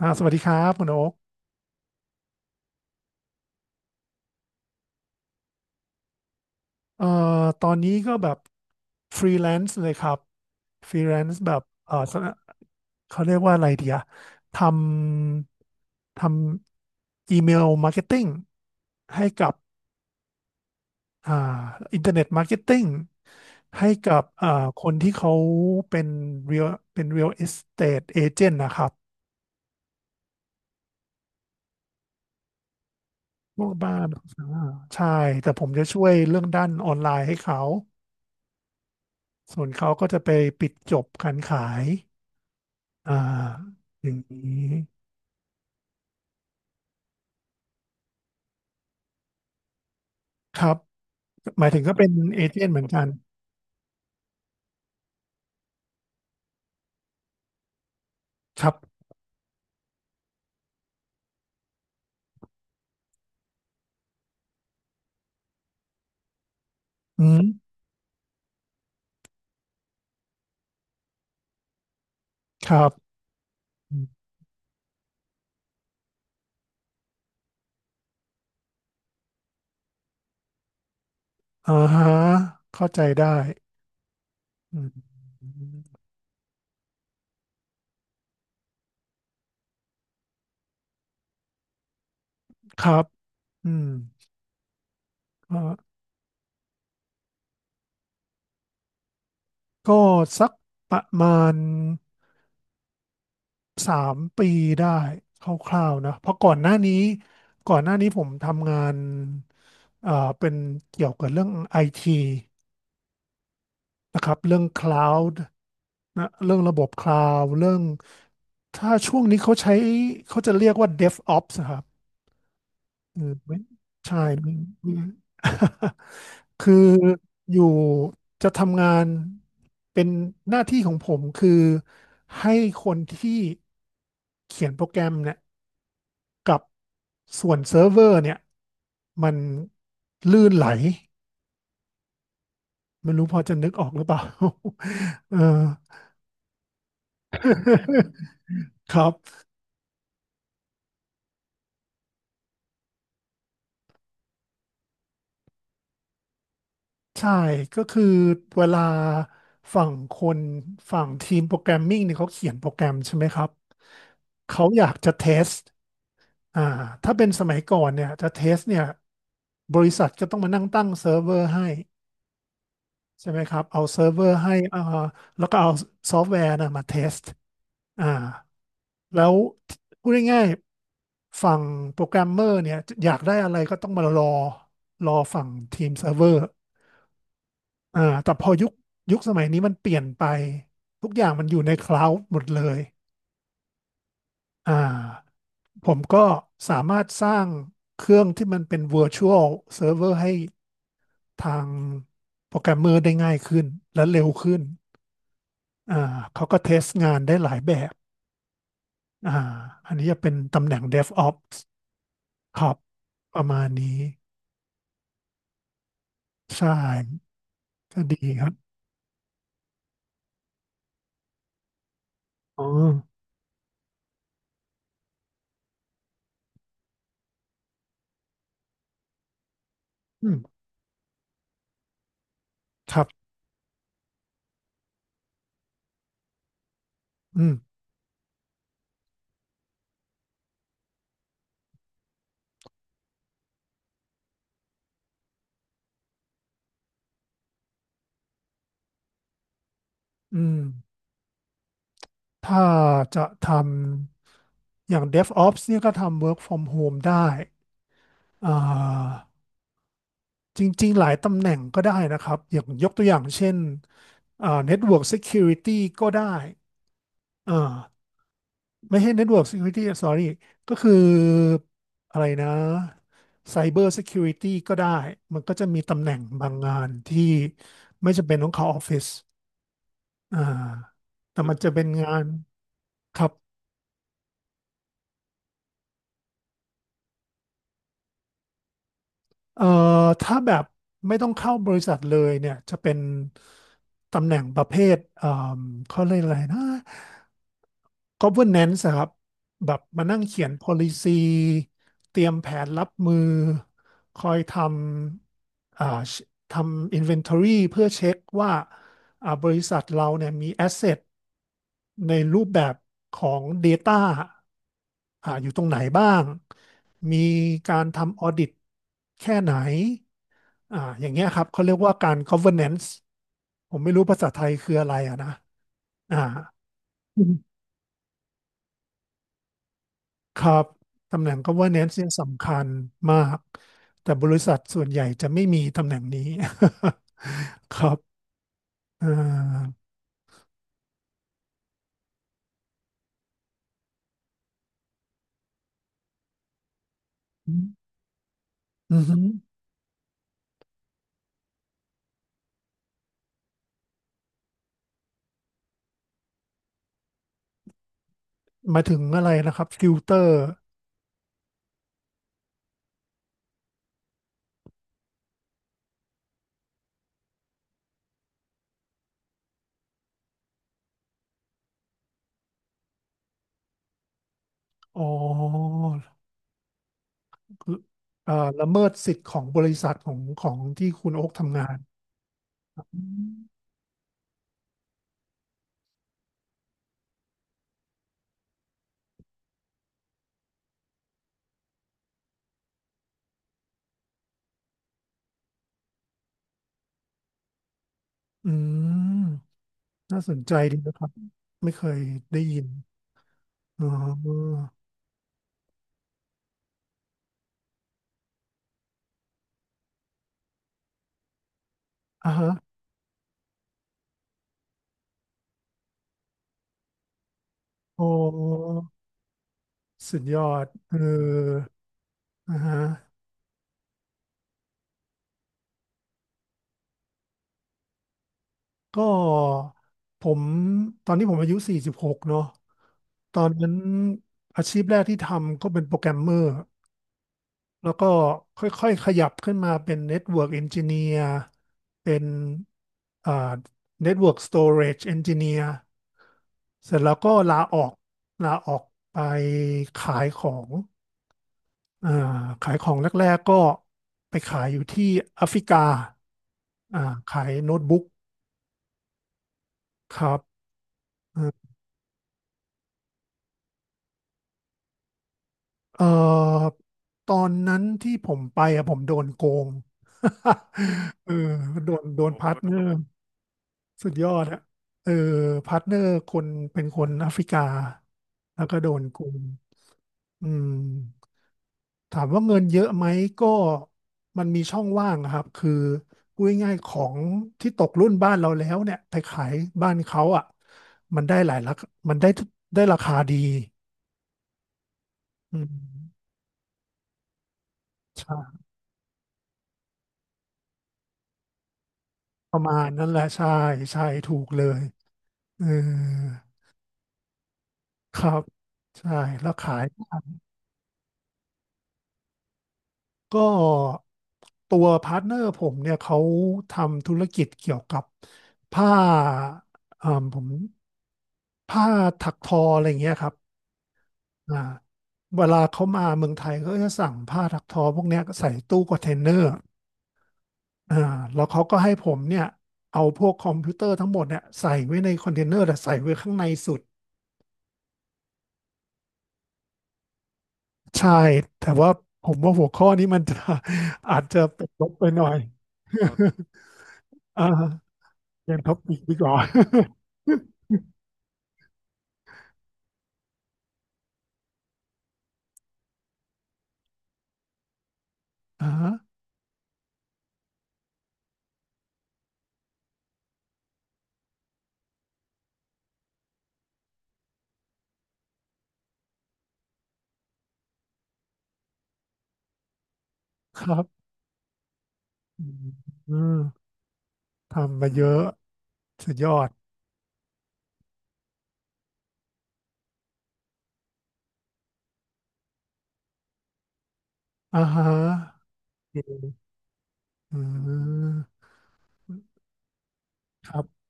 สวัสดีครับคุณโอ๊กเอ่อตอนนี้ก็แบบฟรีแลนซ์เลยครับฟรีแลนซ์แบบสนเขาเรียกว่าอะไรเดียทำทำอีเมลมาร์เก็ตติ้งให้กับอ่าอินเทอร์เน็ตมาร์เก็ตติ้งให้กับคนที่เขาเป็นเรียลเป็นเรียลเอสเตทเอเจนต์นะครับพวกบ้านใช่แต่ผมจะช่วยเรื่องด้านออนไลน์ให้เขาส่วนเขาก็จะไปปิดจบการขาย อ่าอย่างนี้ครับ หมายถึงก็เป็นเอเจนต์เหมือนกันครับ อืม ครับอืมอ่าฮะเข้าใจได้อืมครับอืมก็ก็สักประมาณ3 ปีได้คร่าวๆนะ เพราะก่อนหน้านี้ ก่อนหน้านี้ผมทำงานเอ่อเป็นเกี่ยวกับเรื่องไอที นะครับเรื่อง Cloud นะเรื่องระบบ Cloud เรื่องถ้าช่วงนี้เขาใช้เขาจะเรียกว่า DevOps นะครับเอืไม่ใช่ ไม่ไม่ คืออยู่จะทำงานเป็นหน้าที่ของผมคือให้คนที่เขียนโปรแกรมเนี่ยกับส่วนเซิร์ฟเวอร์เนี่ยมันลื่นไหลไม่รู้พอจะนึกออกหรือเปล่า เออ ครับ ใช่ก็คือเวลาฝั่งคนฝั่งทีมโปรแกรมมิ่งเนี่ยเขาเขียนโปรแกรมใช่ไหมครับเขาอยากจะเทสอ่าถ้าเป็นสมัยก่อนเนี่ยจะเทสเนี่ยบริษัทก็ต้องมานั่งตั้งเซิร์ฟเวอร์ให้ใช่ไหมครับเอาเซิร์ฟเวอร์ให้แล้วก็เอาซอฟต์แวร์นะมาเทสอ่าแล้วพูดง่ายๆฝั่งโปรแกรมเมอร์เนี่ยอยากได้อะไรก็ต้องมารอรอฝั่งทีมเซิร์ฟเวอร์ แต่พอยุคยุคสมัยนี้มันเปลี่ยนไปทุกอย่างมันอยู่ในคลาวด์หมดเลยอ่าผมก็สามารถสร้างเครื่องที่มันเป็น virtual server ให้ทางโปรแกรมเมอร์ได้ง่ายขึ้นและเร็วขึ้นอ่าเขาก็เทสงานได้หลายแบบอ่าอันนี้จะเป็นตำแหน่ง DevOps ครับประมาณนี้ใช่ก็ดีครับอ๋ออืมครับอืมอืมถ้าจะทำ อย่าง DevOps เนี่ยก็ทำ Work from Home ได้อ่าจริงๆ หลายตำแหน่งก็ได้นะครับ อย่างยกตัวอย่างเช่นNetwork Security ก็ได้อ่าไม่ใช่ Network Security sorry ก็คืออะไรนะ Cyber Security ก็ได้ มันก็จะมีตำแหน่งบางงานที่ไม่จำเป็นต้องเข้าออฟฟิศอ่าแต่มันจะเป็นงานครับ เอ่อถ้าแบบไม่ต้องเข้าบริษัทเลยเนี่ยจะเป็นตำแหน่งประเภทเอ่มเขาเรียกอะไรนะ governance อะครับแบบมานั่งเขียน policy เตรียมแผนรับมือคอยทำทำ inventory เพื่อเช็คว่าบริษัทเราเนี่ยมี asset ในรูปแบบของ Data อยู่ตรงไหนบ้างมีการทำ Audit แค่ไหน อย่างเงี้ยครับเขาเรียกว่าการ governance ผมไม่รู้ภาษาไทยคืออะไรอะนะอ่าครับตำแหน่ง governance เนี่ยสำคัญมากแต่บริษัทส่วนใหญ่จะไม่มีตำแหน่งนี้ ครับอ่าอือหือมาถึงอะไรนะครับติวเตอร์อ๋อคืออ่าละเมิดสิทธิ์ของบริษัทของของที่คุณโอ๊คทำงานอืมอืมน่าสนใจดีนะครับไม่เคยได้ยินอ๋อ อ่าฮะโอ้สุดยอดเอออ่าฮะก็ผมตอนนี้ผมอายุ46เนาะตอนนั้นอาชีพแรกที่ทำก็เป็นโปรแกรมเมอร์ แล้วก็ค่อยๆขยับขึ้นมาเป็นเน็ตเวิร์กเอนจิเนียร์เป็นอ่าเน็ตเวิร์กสโตเรจเอนจิเนียร์เสร็จแล้วก็ลาออกลาออกไปขายของอ่าขายของแรกๆก็ไปขายอยู่ที่แอฟริกา อ่าขายโน้ตบุ๊กครับอ่าเอ่อตอนนั้นที่ผมไปอะผมโดนโกง เออโดนโดนพาร์ทเนอร์สุดยอดอะเออพาร์ทเนอร์คนเป็นคนแอฟริกาแล้วก็โดนโกงอืมถามว่าเงินเยอะไหมก็มันมีช่องว่างอะครับคือพูดง่ายๆของที่ตกรุ่นบ้านเราแล้วเนี่ยไปขายบ้านเขาอ่ะมันได้หลายราคามันได้ได้ราคาดีอืมใช่ ประมาณนั้นแหละใช่ใช่ถูกเลยเออครับใช่แล้วขายก็ตัวพาร์ทเนอร์ผมเนี่ยเขาทำธุรกิจเกี่ยวกับผ้าผมผ้าถักทออะไรอย่างเงี้ยครับอ่าเวลาเขามาเมืองไทยก็จะสั่งผ้าถักทอพวกเนี้ยใส่ตู้คอนเทนเนอร์อ่าแล้วเขาก็ให้ผมเนี่ยเอาพวกคอมพิวเตอร์ทั้งหมดเนี่ยใส่ไว้ในคอนเทนเนอร์แต่ใส่ไว้ข้างในสุด ใช่ แต่ว่าผมว่าหัวข้อนี้มันจะ อาจจะเป็นลบไปหน่อย ครัอ่า เปียนท็อปิกดีกว่า อ่าครับอืมอืมทำมาเยอะสุดยอดอ่าฮะอืมอืมครับ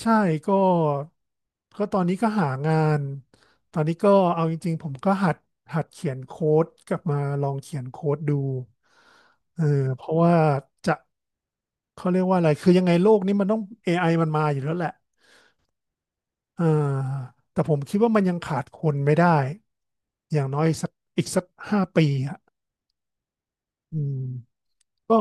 ใช่ก็ก็ตอนนี้ก็หางานตอนนี้ก็เอาจริงๆผมก็หัดหัดเขียนโค้ดกลับมาลองเขียนโค้ดดูเออเพราะว่าจะเขาเรียกว่าอะไรคือยังไงโลกนี้มันต้อง AI มันมาอยู่แล้วแหละอ่าแต่ผมคิดว่ามันยังขาดคนไม่ได้อย่างน้อยสักอีกสัก5 ปีอ่ะอืมก็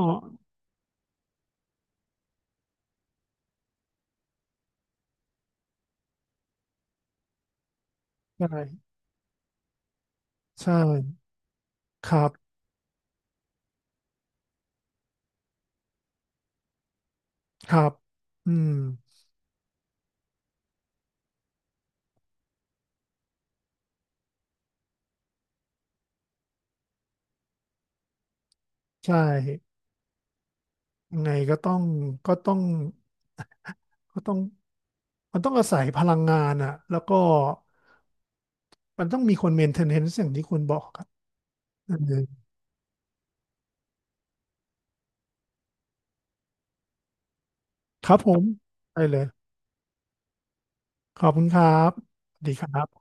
ใช่ใช่ครับครับอืมใช่ยังไงก็ต้องก็ต้อง ก็ต้องมันต้องอาศัยพลังงานอะแล้วก็มันต้องมีคนเมนเทนแนนซ์อย่างที่คุณบอกครับเออครับผมได้เลยขอบคุณครับสวัสดีครับ